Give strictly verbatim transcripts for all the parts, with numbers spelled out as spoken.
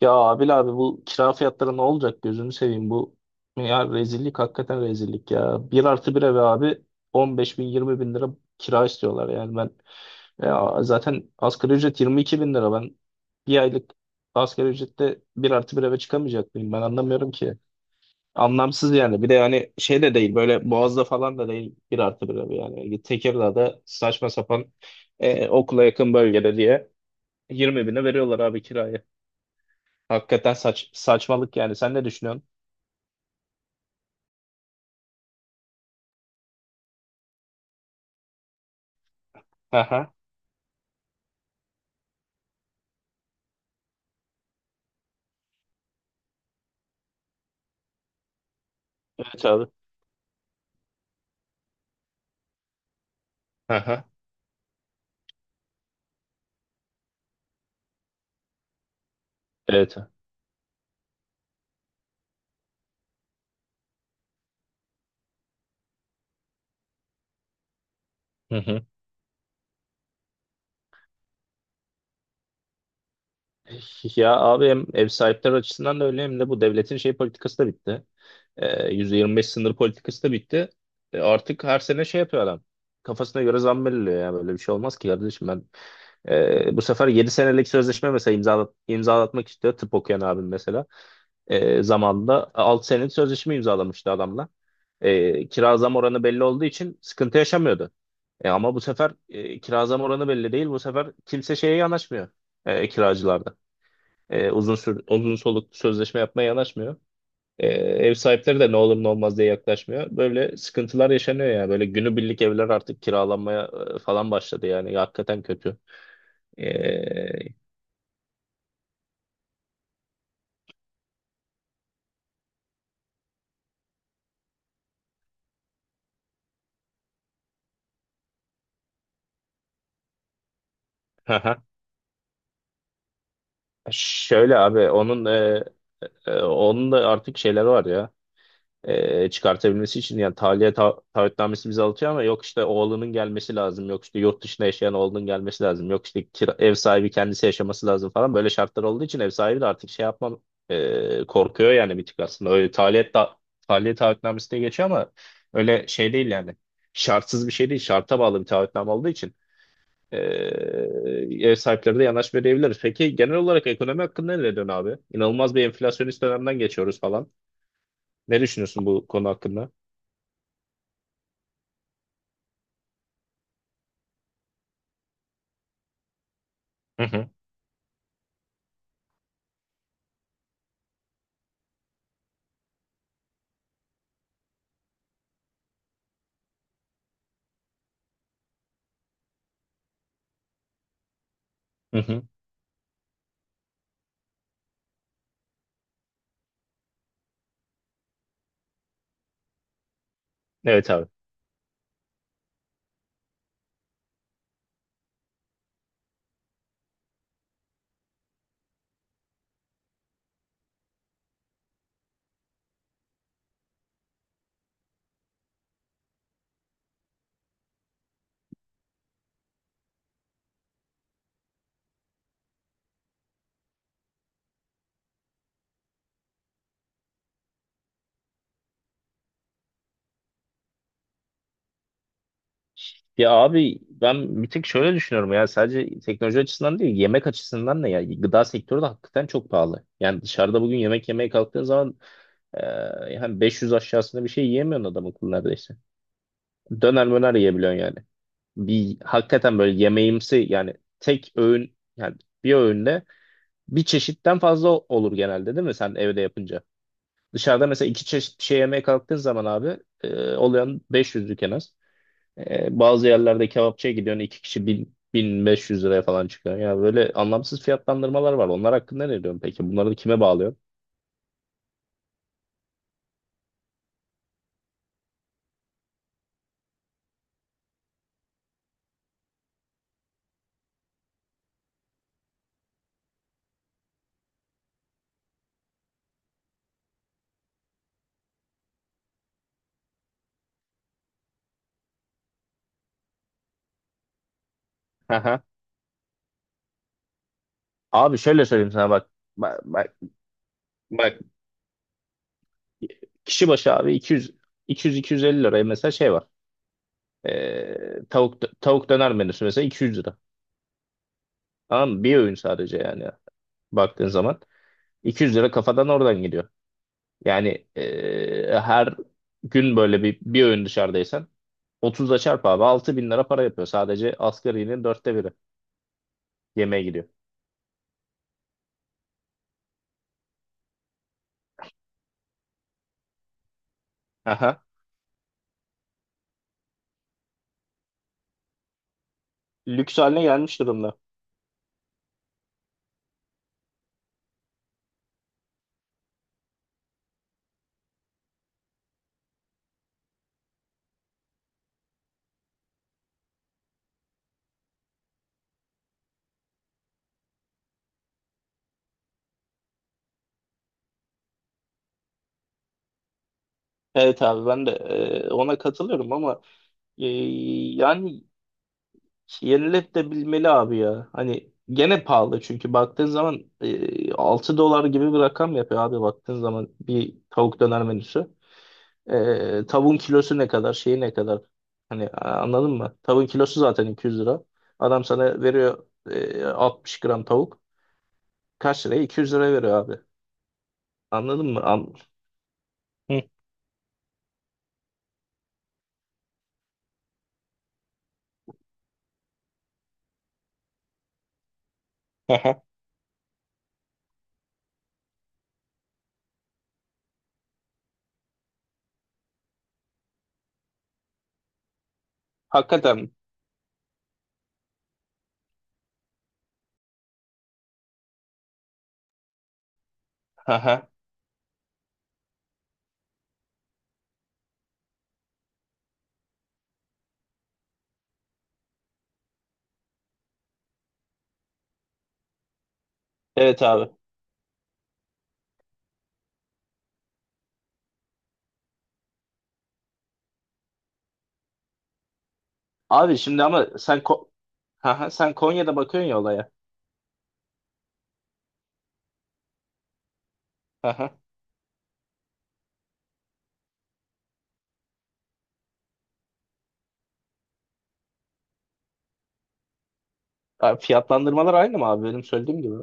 Ya Abil abi, bu kira fiyatları ne olacak gözünü seveyim? Bu ya, rezillik, hakikaten rezillik ya. Bir artı bir eve abi 15 bin 20 bin lira kira istiyorlar yani. Ben, ya zaten asgari ücret 22 bin lira. Ben bir aylık asgari ücrette bir artı bir eve çıkamayacak mıyım? Ben anlamıyorum ki. Anlamsız yani. Bir de yani şey de değil, böyle Boğaz'da falan da değil, bir artı bir ev yani Tekirdağ'da saçma sapan, e, okula yakın bölgede diye 20 bine veriyorlar abi kirayı. Hakikaten saç saçmalık yani. Sen ne düşünüyorsun? Aha. Evet abi. Aha. Evet. Hı hı. Ya abi, hem ev sahipleri açısından da öyle, hem de bu devletin şey politikası da bitti. Ee, yüzde yirmi beş sınır politikası da bitti. E, artık her sene şey yapıyor adam. Kafasına göre zam belirliyor ya. Böyle bir şey olmaz ki kardeşim. Ben e, bu sefer yedi senelik sözleşme mesela imzalat, imzalatmak istiyor, tıp okuyan abim mesela. E, zamanında 6 senelik sözleşme imzalamıştı adamla. E, kira zam oranı belli olduğu için sıkıntı yaşamıyordu. E ama bu sefer e, kira zam oranı belli değil. Bu sefer kimse şeye yanaşmıyor. E, kiracılarda. E, uzun sür, uzun soluklu sözleşme yapmaya yanaşmıyor. E, ev sahipleri de ne olur ne olmaz diye yaklaşmıyor. Böyle sıkıntılar yaşanıyor yani. Böyle günübirlik evler artık kiralanmaya e, falan başladı yani. Hakikaten kötü. E, Şöyle abi, onun e, e, onun da artık şeyleri var ya. e, çıkartabilmesi için yani tahliye ta taahhütnamesi bize alıyor, ama yok işte oğlunun gelmesi lazım, yok işte yurt dışına yaşayan oğlunun gelmesi lazım, yok işte kira- ev sahibi kendisi yaşaması lazım falan, böyle şartlar olduğu için ev sahibi de artık şey yapmam, e, korkuyor yani bir tık aslında. Öyle tahliye ta tahliye taahhütnamesi diye geçiyor ama öyle şey değil yani, şartsız bir şey değil, şarta bağlı bir taahhütname olduğu için e, ev sahipleri de yanaş verebilir. Peki genel olarak ekonomi hakkında ne diyorsun abi? İnanılmaz bir enflasyonist dönemden geçiyoruz falan. Ne düşünüyorsun bu konu hakkında? Hı hı, hı hı. Evet abi. Ya abi, ben bir tek şöyle düşünüyorum ya, sadece teknoloji açısından değil, yemek açısından da. Ya, gıda sektörü de hakikaten çok pahalı. Yani dışarıda bugün yemek yemeye kalktığın zaman e, yani beş yüz aşağısında bir şey yiyemiyorsun adam akıllı neredeyse. Döner möner yiyebiliyorsun yani. Bir hakikaten böyle yemeğimsi yani, tek öğün yani, bir öğünde bir çeşitten fazla olur genelde değil mi sen evde yapınca? Dışarıda mesela iki çeşit bir şey yemeye kalktığın zaman abi e, oluyor beş yüzlük en az. E, bazı yerlerde kebapçıya gidiyorsun, iki kişi bin, 1500 liraya falan çıkıyor. Ya böyle anlamsız fiyatlandırmalar var. Onlar hakkında ne diyorsun peki? Bunları da kime bağlıyorsun? Aha. Abi şöyle söyleyeyim sana, bak. Bak, bak, bak. Kişi başı abi iki yüz iki yüz iki yüz elli liraya mesela şey var. E, tavuk tavuk döner menüsü mesela iki yüz lira. Tamam mı? Bir öğün sadece yani. Baktığın zaman iki yüz lira kafadan oradan gidiyor. Yani e, her gün böyle bir bir öğün dışarıdaysan otuzla çarp abi. Altı bin lira para yapıyor. Sadece asgarinin dörtte biri yemeğe gidiyor. Aha. Lüks haline gelmiş durumda. Evet abi, ben de e, ona katılıyorum, ama e, yani yenilebilmeli abi ya. Hani gene pahalı, çünkü baktığın zaman e, 6 dolar gibi bir rakam yapıyor abi baktığın zaman bir tavuk döner menüsü. E, tavuğun kilosu ne kadar, şeyi ne kadar, hani a- anladın mı? Tavuğun kilosu zaten iki yüz lira. Adam sana veriyor e, altmış gram tavuk. Kaç liraya? iki yüz lira veriyor abi. Anladın mı? An Hı, aha. Hakikaten mi? Aha. Evet abi. Abi şimdi ama sen Ko- Aha. Sen Konya'da bakıyorsun ya olaya. Aha. Abi fiyatlandırmalar aynı mı abi, benim söylediğim gibi?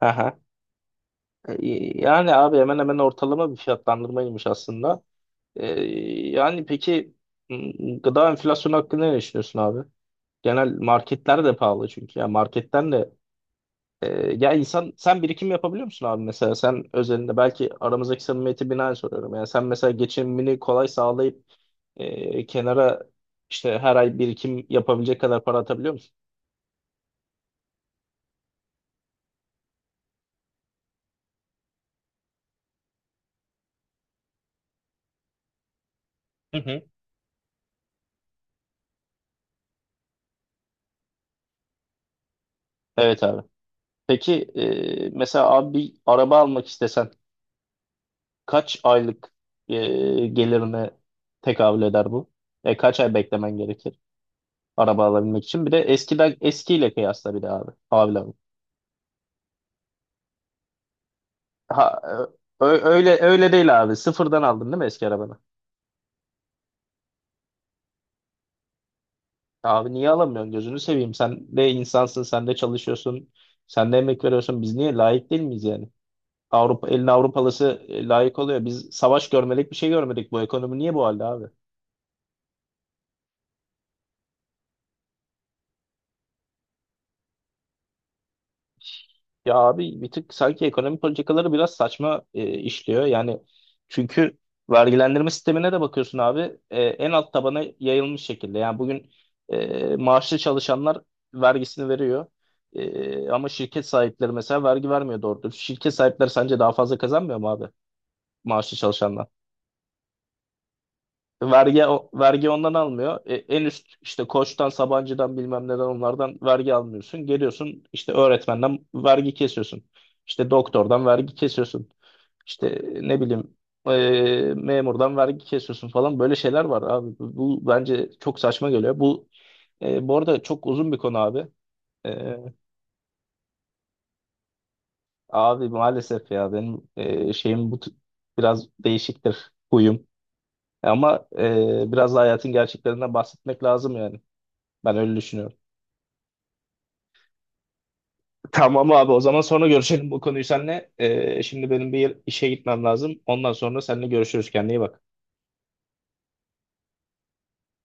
Aha. E. Yani abi hemen hemen ortalama bir fiyatlandırmaymış aslında. E, yani peki m, gıda enflasyonu hakkında ne düşünüyorsun abi? Genel marketler de pahalı çünkü. Yani marketten de Ee, ya, insan, sen birikim yapabiliyor musun abi mesela? Sen özelinde belki, aramızdaki samimiyeti binaen soruyorum. Yani sen mesela geçimini kolay sağlayıp e, kenara, işte her ay birikim yapabilecek kadar para atabiliyor musun? Hı hı. Evet abi. Peki e, mesela abi bir araba almak istesen kaç aylık e, gelirine tekabül eder bu? E, kaç ay beklemen gerekir araba alabilmek için? Bir de eskiden, eskiyle kıyasla bir de abi. Abi, abi. Ha, ö- ö- öyle öyle değil abi. Sıfırdan aldın değil mi eski arabanı? Abi, niye alamıyorsun? Gözünü seveyim. Sen de insansın, sen de çalışıyorsun, sen de emek veriyorsun. Biz niye layık değil miyiz yani? Avrupa, elin Avrupalısı e, layık oluyor. Biz savaş görmedik, bir şey görmedik. Bu ekonomi niye bu halde abi? Ya abi, bir tık sanki ekonomi politikaları biraz saçma e, işliyor. Yani çünkü vergilendirme sistemine de bakıyorsun abi, e, en alt tabana yayılmış şekilde. Yani bugün e, maaşlı çalışanlar vergisini veriyor. E, ama şirket sahipleri mesela vergi vermiyor doğru dürüst. Şirket sahipleri sence daha fazla kazanmıyor mu abi maaşlı çalışanlar? Vergi vergi ondan almıyor. E, en üst, işte Koç'tan, Sabancı'dan, bilmem neden onlardan vergi almıyorsun. Geliyorsun işte öğretmenden vergi kesiyorsun. İşte doktordan vergi kesiyorsun. İşte ne bileyim, e, memurdan vergi kesiyorsun falan. Böyle şeyler var abi. Bu, bu bence çok saçma geliyor. Bu e, bu arada çok uzun bir konu abi. E, abi, maalesef ya, benim e, şeyim bu. T- biraz değişiktir huyum. Ama e, biraz da hayatın gerçeklerinden bahsetmek lazım yani. Ben öyle düşünüyorum. Tamam abi, o zaman sonra görüşelim bu konuyu seninle. Ee, şimdi benim bir işe gitmem lazım. Ondan sonra seninle görüşürüz. Kendine iyi bak.